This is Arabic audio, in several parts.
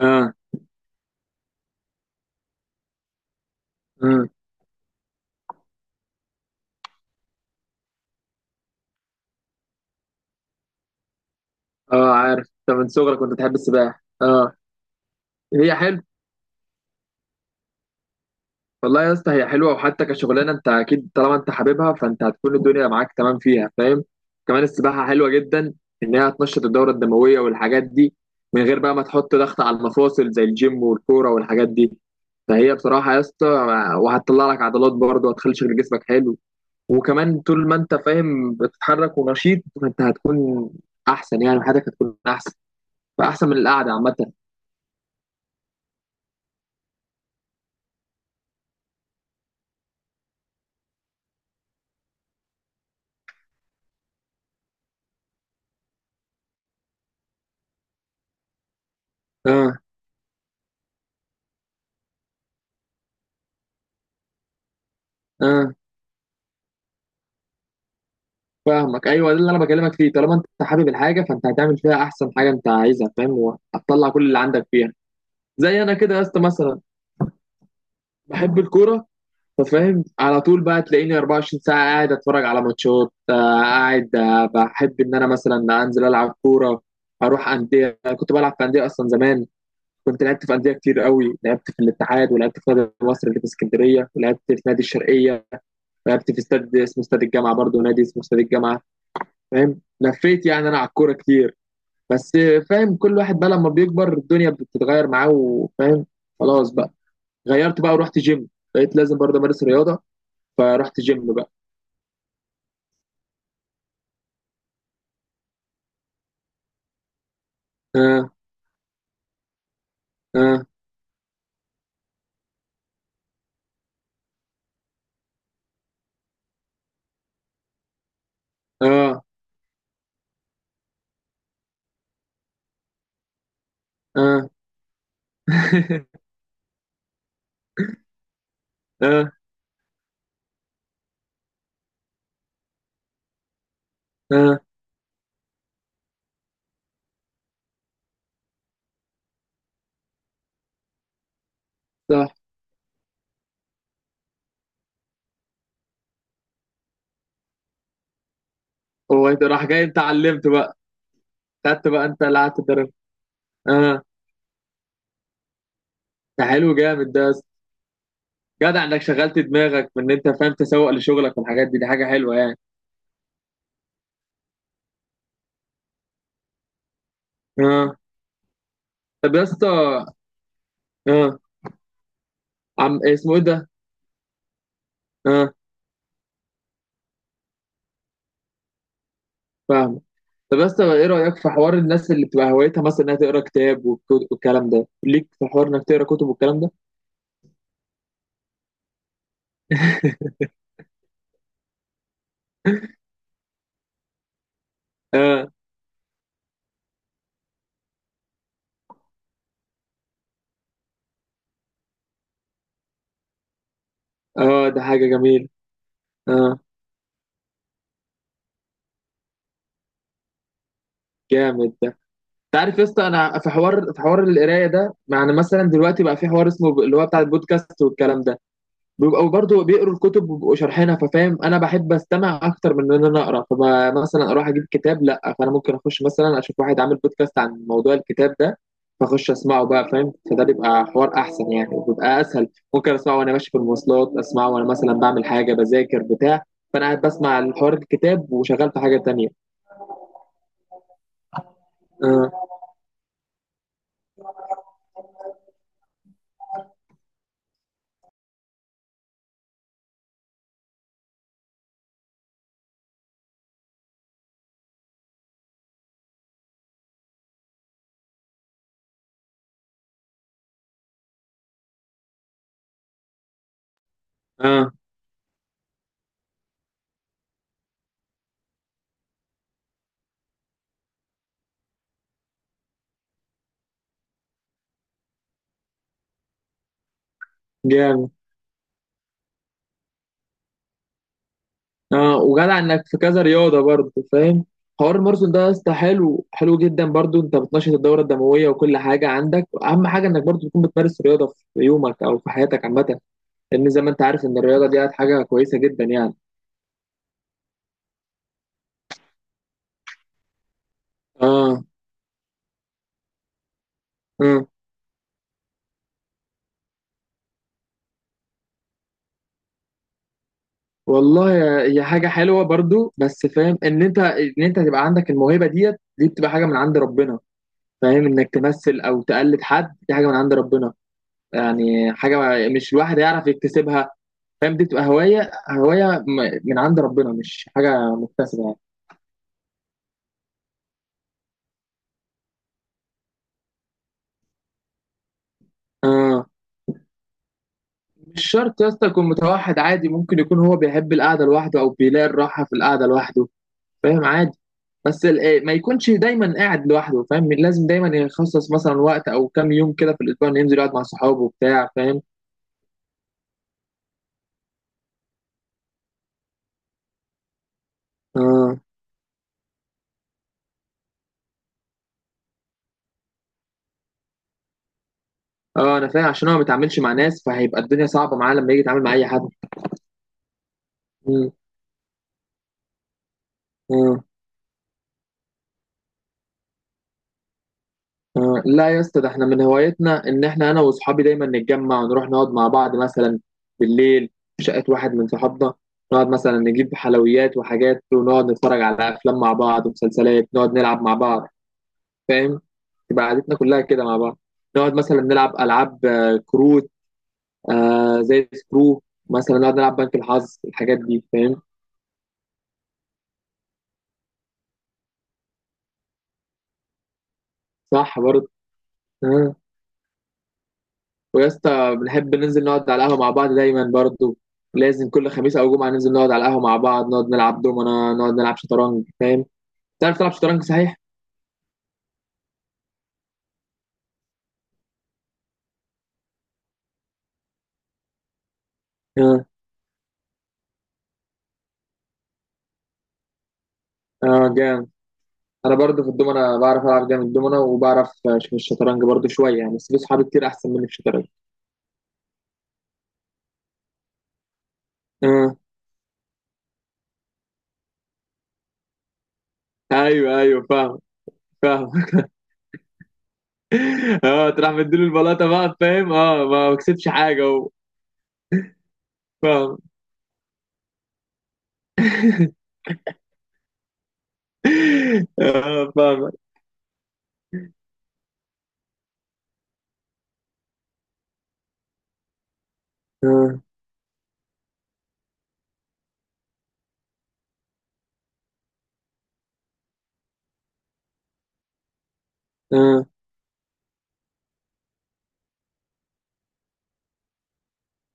اه. امم اه، عارف انت من صغرك كنت بتحب السباحه. اه، هي حلو. والله يا اسطى هي حلوه، وحتى كشغلانه انت اكيد طالما انت حاببها فانت هتكون الدنيا معاك تمام فيها فاهم. كمان السباحه حلوه جدا، ان هي هتنشط الدوره الدمويه والحاجات دي، من غير بقى ما تحط ضغط على المفاصل زي الجيم والكوره والحاجات دي. فهي بصراحه يا اسطى، وهتطلع لك عضلات برضه وهتخلي شكل جسمك حلو. وكمان طول ما انت فاهم بتتحرك ونشيط فانت هتكون احسن، يعني حياتك هتكون احسن، فاحسن من القعده عامه. اه. اه، فاهمك. ايوه ده اللي انا بكلمك فيه، طالما انت حابب الحاجه فانت هتعمل فيها احسن حاجه انت عايزها فاهم، وهتطلع كل اللي عندك فيها. زي انا كده يا اسطى مثلا، بحب الكوره، ففاهم على طول بقى تلاقيني 24 ساعه قاعد اتفرج على ماتشات، قاعد، بحب ان انا مثلا انزل العب كوره، اروح انديه. أنا كنت بلعب في انديه اصلا زمان، كنت لعبت في انديه كتير قوي، لعبت في الاتحاد، ولعبت في نادي مصر اللي في اسكندريه، ولعبت في نادي الشرقيه، لعبت في استاد اسمه استاد الجامعه، برضه نادي اسمه استاد الجامعه. فاهم، لفيت يعني انا على الكوره كتير. بس فاهم، كل واحد بقى لما بيكبر الدنيا بتتغير معاه، وفاهم خلاص بقى، غيرت بقى ورحت جيم، بقيت لازم برضه امارس رياضه، فرحت جيم بقى. اه. اه. اه. اه. اه. اه. صح. هو انت راح جاي انت علمت بقى، خدت بقى انت اللي قعدت تدرب. اه. ده حلو جامد ده يا اسطى. جدع انك شغلت دماغك من ان انت فاهم تسوق لشغلك، والحاجات دي دي حاجه حلوه يعني. اه. طب يا اسطى. اه. عم اسمه ايه ده. اه، فاهم. طب بس ايه رأيك في حوار الناس اللي بتبقى هوايتها مثلا انها تقرا كتاب، والكلام ده، ليك في حوار انك تقرا كتب والكلام ده؟ اه. اه، ده حاجة جميلة. اه، جامد ده. انت عارف يا اسطى، انا في حوار القرايه ده، يعني مثلا دلوقتي بقى في حوار اسمه اللي هو بتاع البودكاست والكلام ده، بيبقوا برضه بيقروا الكتب وبيبقوا شارحينها، ففاهم انا بحب استمع اكتر من ان انا اقرا، فمثلا اروح اجيب كتاب لا، فانا ممكن اخش مثلا اشوف واحد عامل بودكاست عن موضوع الكتاب ده، فاخش اسمعه بقى فاهم. فده بيبقى حوار احسن يعني، وبيبقى اسهل، ممكن اسمعه وانا ماشي في المواصلات، اسمعه وانا مثلا بعمل حاجه، بذاكر بتاع، فانا قاعد بسمع الحوار الكتاب وشغال في حاجه تانية. اه. اه، جامد. اه، وجدع انك في كذا رياضه برضه فاهم. حوار الماراثون ده يا اسطى حلو، حلو جدا برضه، انت بتنشط الدوره الدمويه وكل حاجه، عندك اهم حاجه انك برضه تكون بتمارس رياضه في يومك او في حياتك عامه، لان زي ما انت عارف ان الرياضه دي حاجه كويسه جدا يعني. اه. اه. والله يا، هي حاجه حلوه برضه، بس فاهم ان انت تبقى عندك الموهبه ديت دي، بتبقى حاجه من عند ربنا، فاهم انك تمثل او تقلد حد دي حاجه من عند ربنا، يعني حاجه مش الواحد يعرف يكتسبها. فاهم دي بتبقى هوايه، من عند ربنا، مش حاجه مكتسبه يعني. اه. مش شرط يا اسطى يكون متوحد، عادي ممكن يكون هو بيحب القعده لوحده، او بيلاقي الراحه في القعده لوحده، فاهم عادي. بس ال- إيه، ما يكونش دايما قاعد لوحده، فاهم لازم دايما يخصص مثلا وقت او كام يوم كده في الاسبوع انه ينزل يقعد مع صحابه وبتاع فاهم. اه. اه، انا فاهم، عشان هو ما بيتعاملش مع ناس، فهيبقى الدنيا صعبه معاه لما يجي يتعامل مع اي حد. مم. مم. آه، لا يا اسطى، ده احنا من هوايتنا ان احنا انا واصحابي دايما نتجمع ونروح نقعد مع بعض، مثلا بالليل في شقه واحد من صحابنا، نقعد مثلا نجيب حلويات وحاجات، ونقعد نتفرج على افلام مع بعض ومسلسلات، نقعد نلعب مع بعض فاهم، تبقى قعدتنا كلها كده مع بعض، نقعد مثلا نلعب العاب كروت، آه زي سكرو، مثلا نقعد نلعب بنك الحظ، الحاجات دي فاهم. صح برضه. آه. ويا اسطى بنحب ننزل نقعد على القهوة مع بعض دايما برضو، لازم كل خميس أو جمعة ننزل نقعد على القهوة مع بعض، نقعد نلعب دومنا، نقعد نلعب شطرنج فاهم. تعرف تلعب شطرنج صحيح؟ اه. اه، جامد. أنا برضو في الدومنا بعرف ألعب جامد دومنا، وبعرف في الشطرنج برضو شوية يعني، بس في صحابي كتير أحسن مني في الشطرنج. اه. أيوه أيوه فاهم. فاهم اه تروح مديله البلاطة بقى فاهم، اه ما كسبش حاجة و. فاهم اه، فاهم. اه. آه.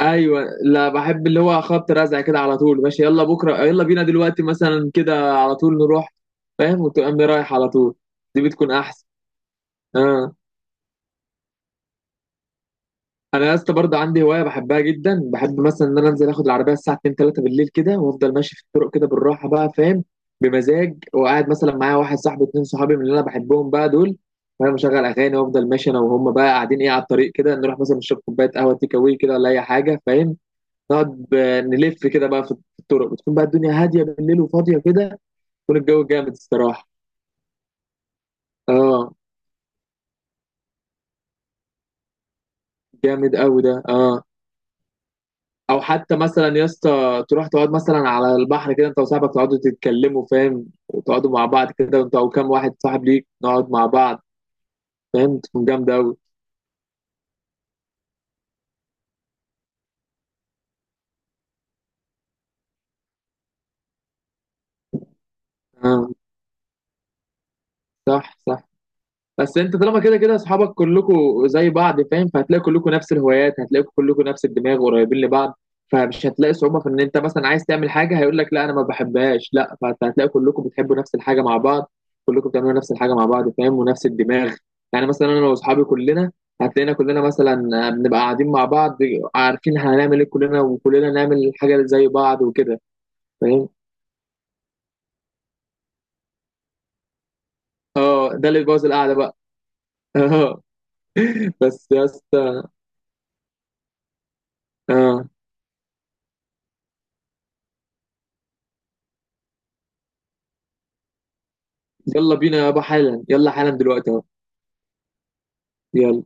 ايوه، لا بحب اللي هو خبط رزع كده على طول، ماشي، يلا بكره، يلا بينا دلوقتي مثلا كده على طول نروح فاهم، وتقوم رايح على طول. دي بتكون احسن. اه. انا يا اسطى برضه عندي هوايه بحبها جدا، بحب مثلا ان انا انزل اخد العربيه الساعه 2 3 بالليل كده، وافضل ماشي في الطرق كده بالراحه بقى فاهم، بمزاج، وقاعد مثلا معايا واحد صاحبي، اتنين صحابي من اللي انا بحبهم بقى دول، فانا مشغل اغاني، وافضل ماشي انا وهم بقى قاعدين ايه على الطريق كده، نروح مثلا نشرب كوبايه قهوه تيك أواي كده ولا اي حاجه فاهم، نقعد نلف كده بقى في الطرق، بتكون بقى الدنيا هاديه بالليل وفاضيه كده، يكون الجو جامد الصراحه. اه، جامد قوي ده. اه. او حتى مثلا يا اسطى تروح تقعد مثلا على البحر كده انت وصاحبك، تقعدوا تتكلموا فاهم، وتقعدوا مع بعض كده، وانت او كام واحد صاحب ليك نقعد مع بعض فاهم، تكون جامده قوي. اه. صح صح. بس انت طالما كده كده اصحابك كلكم زي بعض فاهم، فهتلاقي كلكم نفس الهوايات، هتلاقي كلكم نفس الدماغ قريبين لبعض، فمش هتلاقي صعوبة في ان انت مثلا عايز تعمل حاجة هيقول لك لا انا ما بحبهاش لا، فانت هتلاقي كلكم بتحبوا نفس الحاجة مع بعض، كلكم بتعملوا نفس الحاجة مع بعض فاهم، ونفس الدماغ. يعني مثلا انا واصحابي كلنا، هتلاقينا كلنا مثلا بنبقى قاعدين مع بعض، عارفين هنعمل ايه كلنا، وكلنا نعمل حاجة زي بعض وكده. فاهم. اه، ده اللي بيبوظ القعدة بقى. اه. بس يا اسطى. اه. يلا بينا يابا حالا، يلا حالا دلوقتي اهو، يلا.